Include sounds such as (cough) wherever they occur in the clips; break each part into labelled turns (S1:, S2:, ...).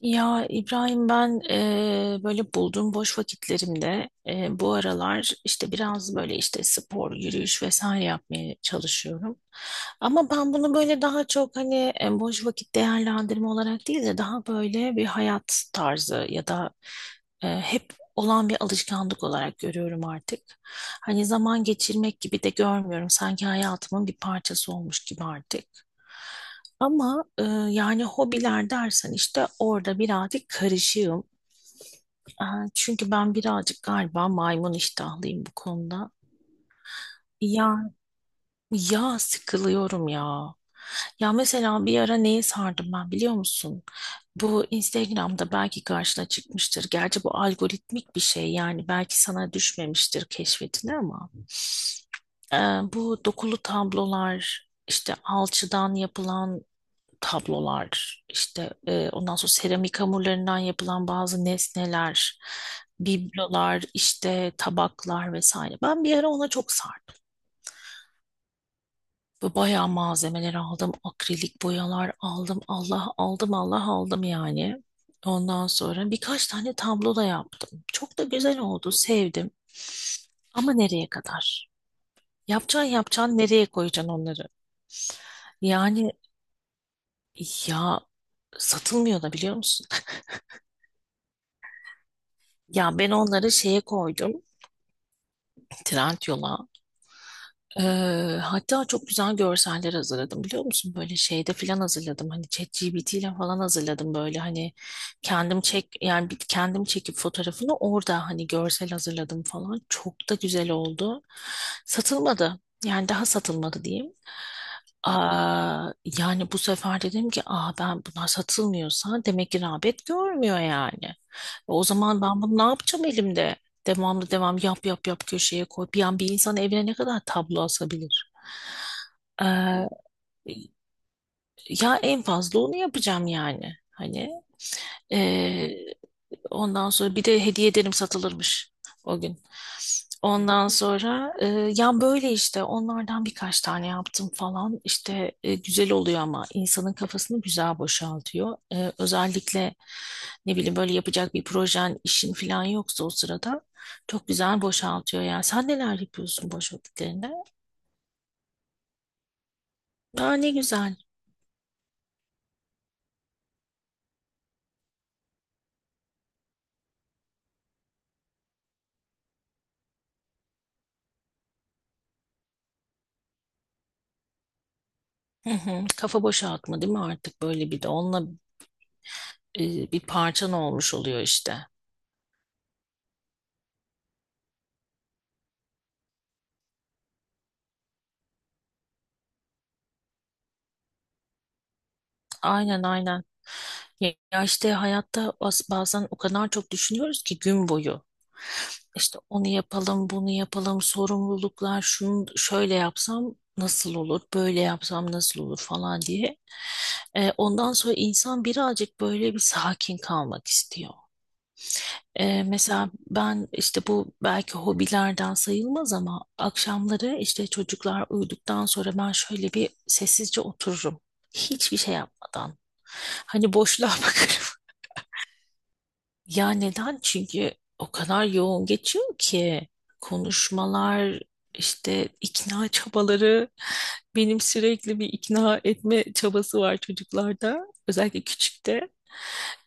S1: Ya İbrahim ben böyle bulduğum boş vakitlerimde bu aralar işte biraz böyle işte spor, yürüyüş vesaire yapmaya çalışıyorum. Ama ben bunu böyle daha çok hani boş vakit değerlendirme olarak değil de daha böyle bir hayat tarzı ya da hep olan bir alışkanlık olarak görüyorum artık. Hani zaman geçirmek gibi de görmüyorum. Sanki hayatımın bir parçası olmuş gibi artık. Ama yani hobiler dersen işte orada birazcık karışığım. E, çünkü ben birazcık galiba maymun iştahlıyım bu konuda. Ya ya sıkılıyorum ya. Ya mesela bir ara neye sardım ben biliyor musun? Bu Instagram'da belki karşına çıkmıştır. Gerçi bu algoritmik bir şey yani belki sana düşmemiştir keşfetine ama e, bu dokulu tablolar işte alçıdan yapılan tablolar, işte ondan sonra seramik hamurlarından yapılan bazı nesneler, biblolar, işte tabaklar vesaire. Ben bir ara ona çok sardım. Ve bayağı malzemeler aldım. Akrilik boyalar aldım. Allah aldım, Allah aldım yani. Ondan sonra birkaç tane tablo da yaptım. Çok da güzel oldu, sevdim. Ama nereye kadar? Yapacaksın yapacaksın, nereye koyacaksın onları? Yani ya satılmıyor da biliyor musun? Ya ben onları şeye koydum. Trendyol'a. Ee, hatta çok güzel görseller hazırladım biliyor musun? Böyle şeyde falan hazırladım. Hani ChatGPT ile falan hazırladım, böyle hani kendim çek yani kendim çekip fotoğrafını orada hani görsel hazırladım falan. Çok da güzel oldu. Satılmadı. Yani daha satılmadı diyeyim. Aa, yani bu sefer dedim ki, aa, ben bunlar satılmıyorsa demek ki rağbet görmüyor yani. O zaman ben bunu ne yapacağım elimde? Devamlı devam, yap yap yap, köşeye koy. Bir an bir insan evine ne kadar tablo asabilir? Ee, ya en fazla onu yapacağım yani. Hani e, Ondan sonra bir de hediye ederim, satılırmış o gün. Ondan sonra ya böyle işte onlardan birkaç tane yaptım falan. İşte güzel oluyor, ama insanın kafasını güzel boşaltıyor. Özellikle ne bileyim, böyle yapacak bir projen, işin falan yoksa o sırada çok güzel boşaltıyor yani. Sen neler yapıyorsun boş vakitlerinde? Aa, ne güzel. Hı hı. Kafa boşaltma değil mi, artık böyle bir de onunla bir parçan olmuş oluyor işte. Aynen, aynen. Ya işte hayatta bazen o kadar çok düşünüyoruz ki gün boyu. İşte onu yapalım, bunu yapalım, sorumluluklar, şunu şöyle yapsam nasıl olur, böyle yapsam nasıl olur falan diye. Ondan sonra insan birazcık böyle bir sakin kalmak istiyor. Mesela ben işte bu belki hobilerden sayılmaz ama akşamları işte çocuklar uyuduktan sonra ben şöyle bir sessizce otururum. Hiçbir şey yapmadan. Hani boşluğa (laughs) bakarım. Ya neden? Çünkü o kadar yoğun geçiyor ki konuşmalar, işte ikna çabaları. Benim sürekli bir ikna etme çabası var çocuklarda. Özellikle küçükte.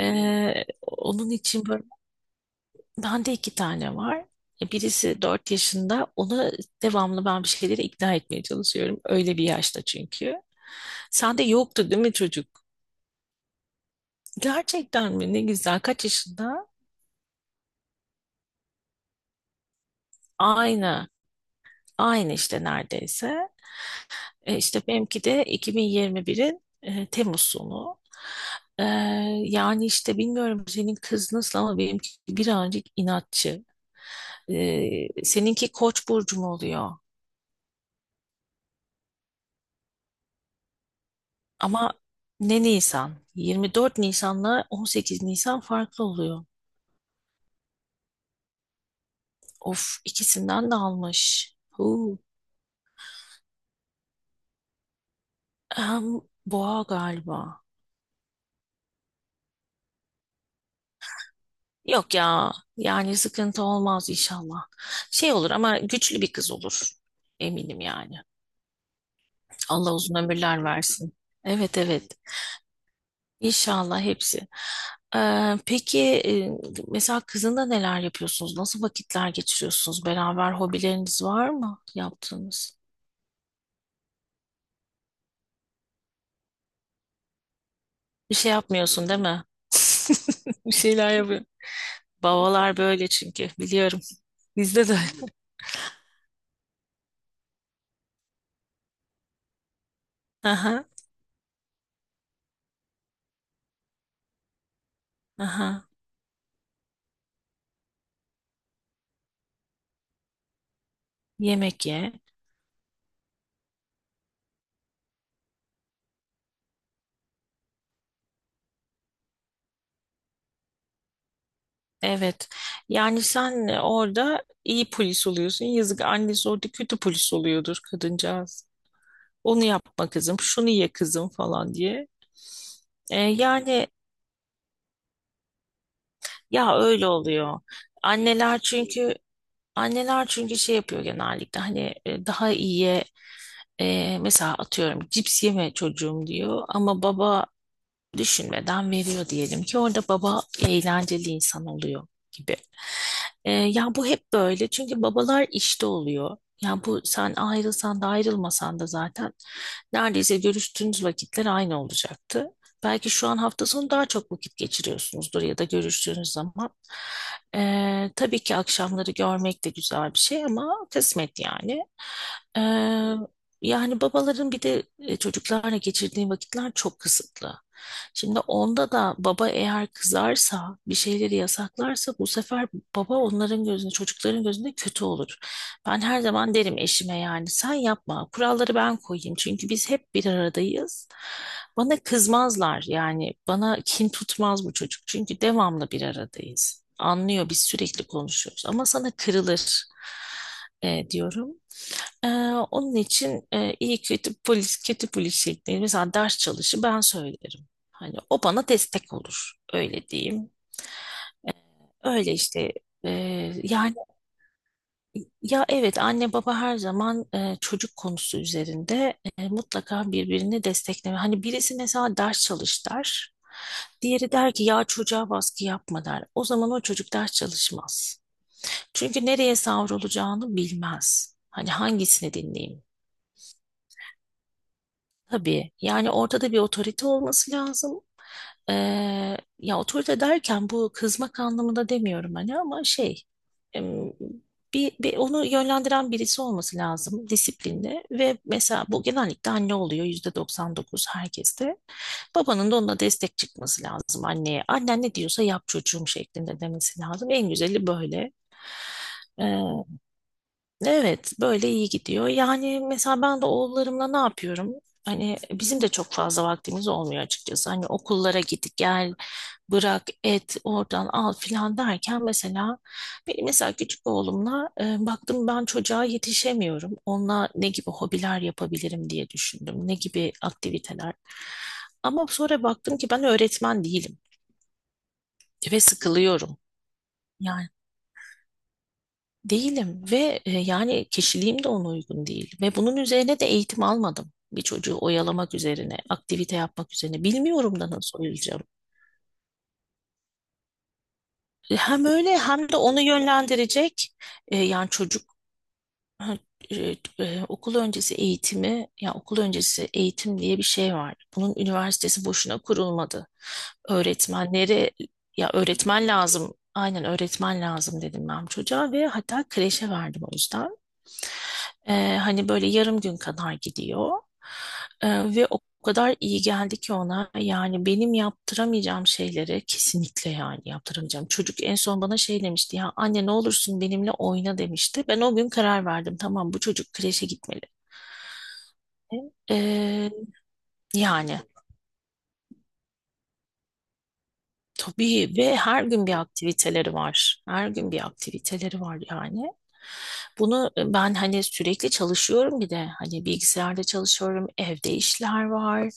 S1: Onun için böyle. Bende iki tane var. Birisi 4 yaşında. Onu devamlı ben bir şeyleri ikna etmeye çalışıyorum. Öyle bir yaşta çünkü. Sende yoktu değil mi çocuk? Gerçekten mi? Ne güzel. Kaç yaşında? Aynı. Aynı işte neredeyse. E, işte benimki de 2021'in Temmuz sonu. E, yani işte bilmiyorum senin kız nasıl ama benimki birazcık inatçı. Seninki Koç burcu mu oluyor? Ama ne Nisan? 24 Nisan'la 18 Nisan farklı oluyor. Of, ikisinden de almış. Huu. Hem boğa galiba. Yok ya, yani sıkıntı olmaz inşallah. Şey olur ama güçlü bir kız olur. Eminim yani. Allah uzun ömürler versin. Evet, evet. İnşallah hepsi. Peki mesela kızında neler yapıyorsunuz? Nasıl vakitler geçiriyorsunuz? Beraber hobileriniz var mı yaptığınız? Bir şey yapmıyorsun değil mi? (laughs) Bir şeyler yapıyor. Babalar böyle çünkü, biliyorum. Bizde de. (laughs) Aha, aha. Yemek ye. Evet. Yani sen orada iyi polis oluyorsun. Yazık, annesi orada kötü polis oluyordur kadıncağız. Onu yapma kızım, şunu ye kızım falan diye. Yani ya öyle oluyor. Anneler çünkü anneler çünkü şey yapıyor genellikle, hani daha iyiye, mesela atıyorum cips yeme çocuğum diyor, ama baba düşünmeden veriyor diyelim ki, orada baba eğlenceli insan oluyor gibi. Ya bu hep böyle çünkü babalar işte oluyor. Ya bu sen ayrılsan da ayrılmasan da zaten neredeyse görüştüğünüz vakitler aynı olacaktı. Belki şu an hafta sonu daha çok vakit geçiriyorsunuzdur ya da görüştüğünüz zaman. Tabii ki akşamları görmek de güzel bir şey ama kısmet yani. Ee, yani babaların bir de çocuklarla geçirdiği vakitler çok kısıtlı. Şimdi onda da baba eğer kızarsa, bir şeyleri yasaklarsa, bu sefer baba onların gözünde, çocukların gözünde kötü olur. Ben her zaman derim eşime, yani sen yapma, kuralları ben koyayım. Çünkü biz hep bir aradayız. Bana kızmazlar, yani bana kin tutmaz bu çocuk. Çünkü devamlı bir aradayız. Anlıyor, biz sürekli konuşuyoruz, ama sana kırılır diyorum. Ee, onun için iyi, kötü polis, kötü polis şeklinde, mesela ders çalışı ben söylerim. Hani o bana destek olur. Öyle diyeyim. Öyle işte e, yani, ya evet anne baba her zaman çocuk konusu üzerinde mutlaka birbirini destekleme. Hani birisi mesela ders çalış der. Diğeri der ki ya çocuğa baskı yapma der. O zaman o çocuk ders çalışmaz. Çünkü nereye savrulacağını bilmez. Hani hangisini dinleyeyim? Tabii, yani ortada bir otorite olması lazım. Ya otorite derken bu kızmak anlamında demiyorum hani, ama şey, em, bir onu yönlendiren birisi olması lazım, disiplinli, ve mesela bu genellikle anne oluyor yüzde 99 herkeste. Babanın da ona destek çıkması lazım anneye. Annen ne diyorsa yap çocuğum şeklinde demesi lazım. En güzeli böyle. Evet, böyle iyi gidiyor. Yani mesela ben de oğullarımla ne yapıyorum? Hani bizim de çok fazla vaktimiz olmuyor açıkçası. Hani okullara git gel, bırak, et, oradan al filan derken, mesela benim mesela küçük oğlumla baktım ben çocuğa yetişemiyorum. Onunla ne gibi hobiler yapabilirim diye düşündüm. Ne gibi aktiviteler. Ama sonra baktım ki ben öğretmen değilim ve sıkılıyorum. Yani değilim, ve yani kişiliğim de ona uygun değil. Ve bunun üzerine de eğitim almadım. Bir çocuğu oyalamak üzerine, aktivite yapmak üzerine. Bilmiyorum da nasıl oyalacağım. Hem öyle hem de onu yönlendirecek, yani çocuk. Ha, e, okul öncesi eğitimi, ya okul öncesi eğitim diye bir şey var. Bunun üniversitesi boşuna kurulmadı. Öğretmenleri, ya öğretmen lazım, aynen öğretmen lazım, dedim ben çocuğa ve hatta kreşe verdim o yüzden. Hani böyle yarım gün kadar gidiyor. Ve o kadar iyi geldi ki ona, yani benim yaptıramayacağım şeyleri, kesinlikle yani yaptıramayacağım. Çocuk en son bana şey demişti, ya anne ne olursun benimle oyna demişti. Ben o gün karar verdim, tamam bu çocuk kreşe gitmeli. Ee, yani. Tabii, ve her gün bir aktiviteleri var. Her gün bir aktiviteleri var yani. Bunu ben hani sürekli çalışıyorum, bir de hani bilgisayarda çalışıyorum, evde işler var.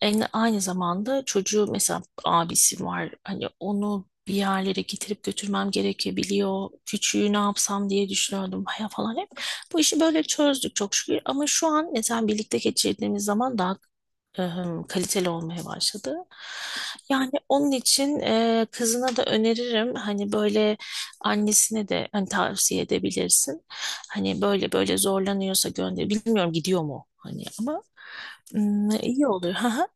S1: Aynı zamanda çocuğu, mesela abisi var. Hani onu bir yerlere getirip götürmem gerekebiliyor. Küçüğü ne yapsam diye düşünüyordum ya falan hep. Bu işi böyle çözdük çok şükür. Ama şu an mesela birlikte geçirdiğimiz zaman daha kaliteli olmaya başladı. Yani onun için kızına da öneririm, hani böyle annesine de hani tavsiye edebilirsin. Hani böyle böyle zorlanıyorsa gönder. Bilmiyorum gidiyor mu hani, ama iyi oluyor. Haha.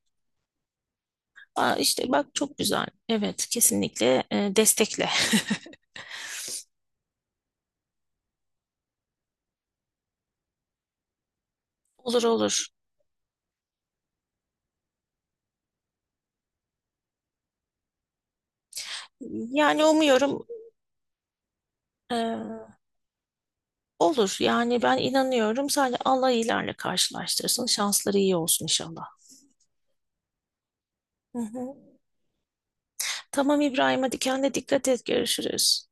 S1: Aa, işte bak çok güzel. Evet, kesinlikle destekle. (laughs) Olur, olur. Yani umuyorum e, olur. Yani ben inanıyorum. Sadece Allah iyilerle karşılaştırsın. Şansları iyi olsun inşallah. Hı hı. Tamam İbrahim, hadi kendine dikkat et, görüşürüz.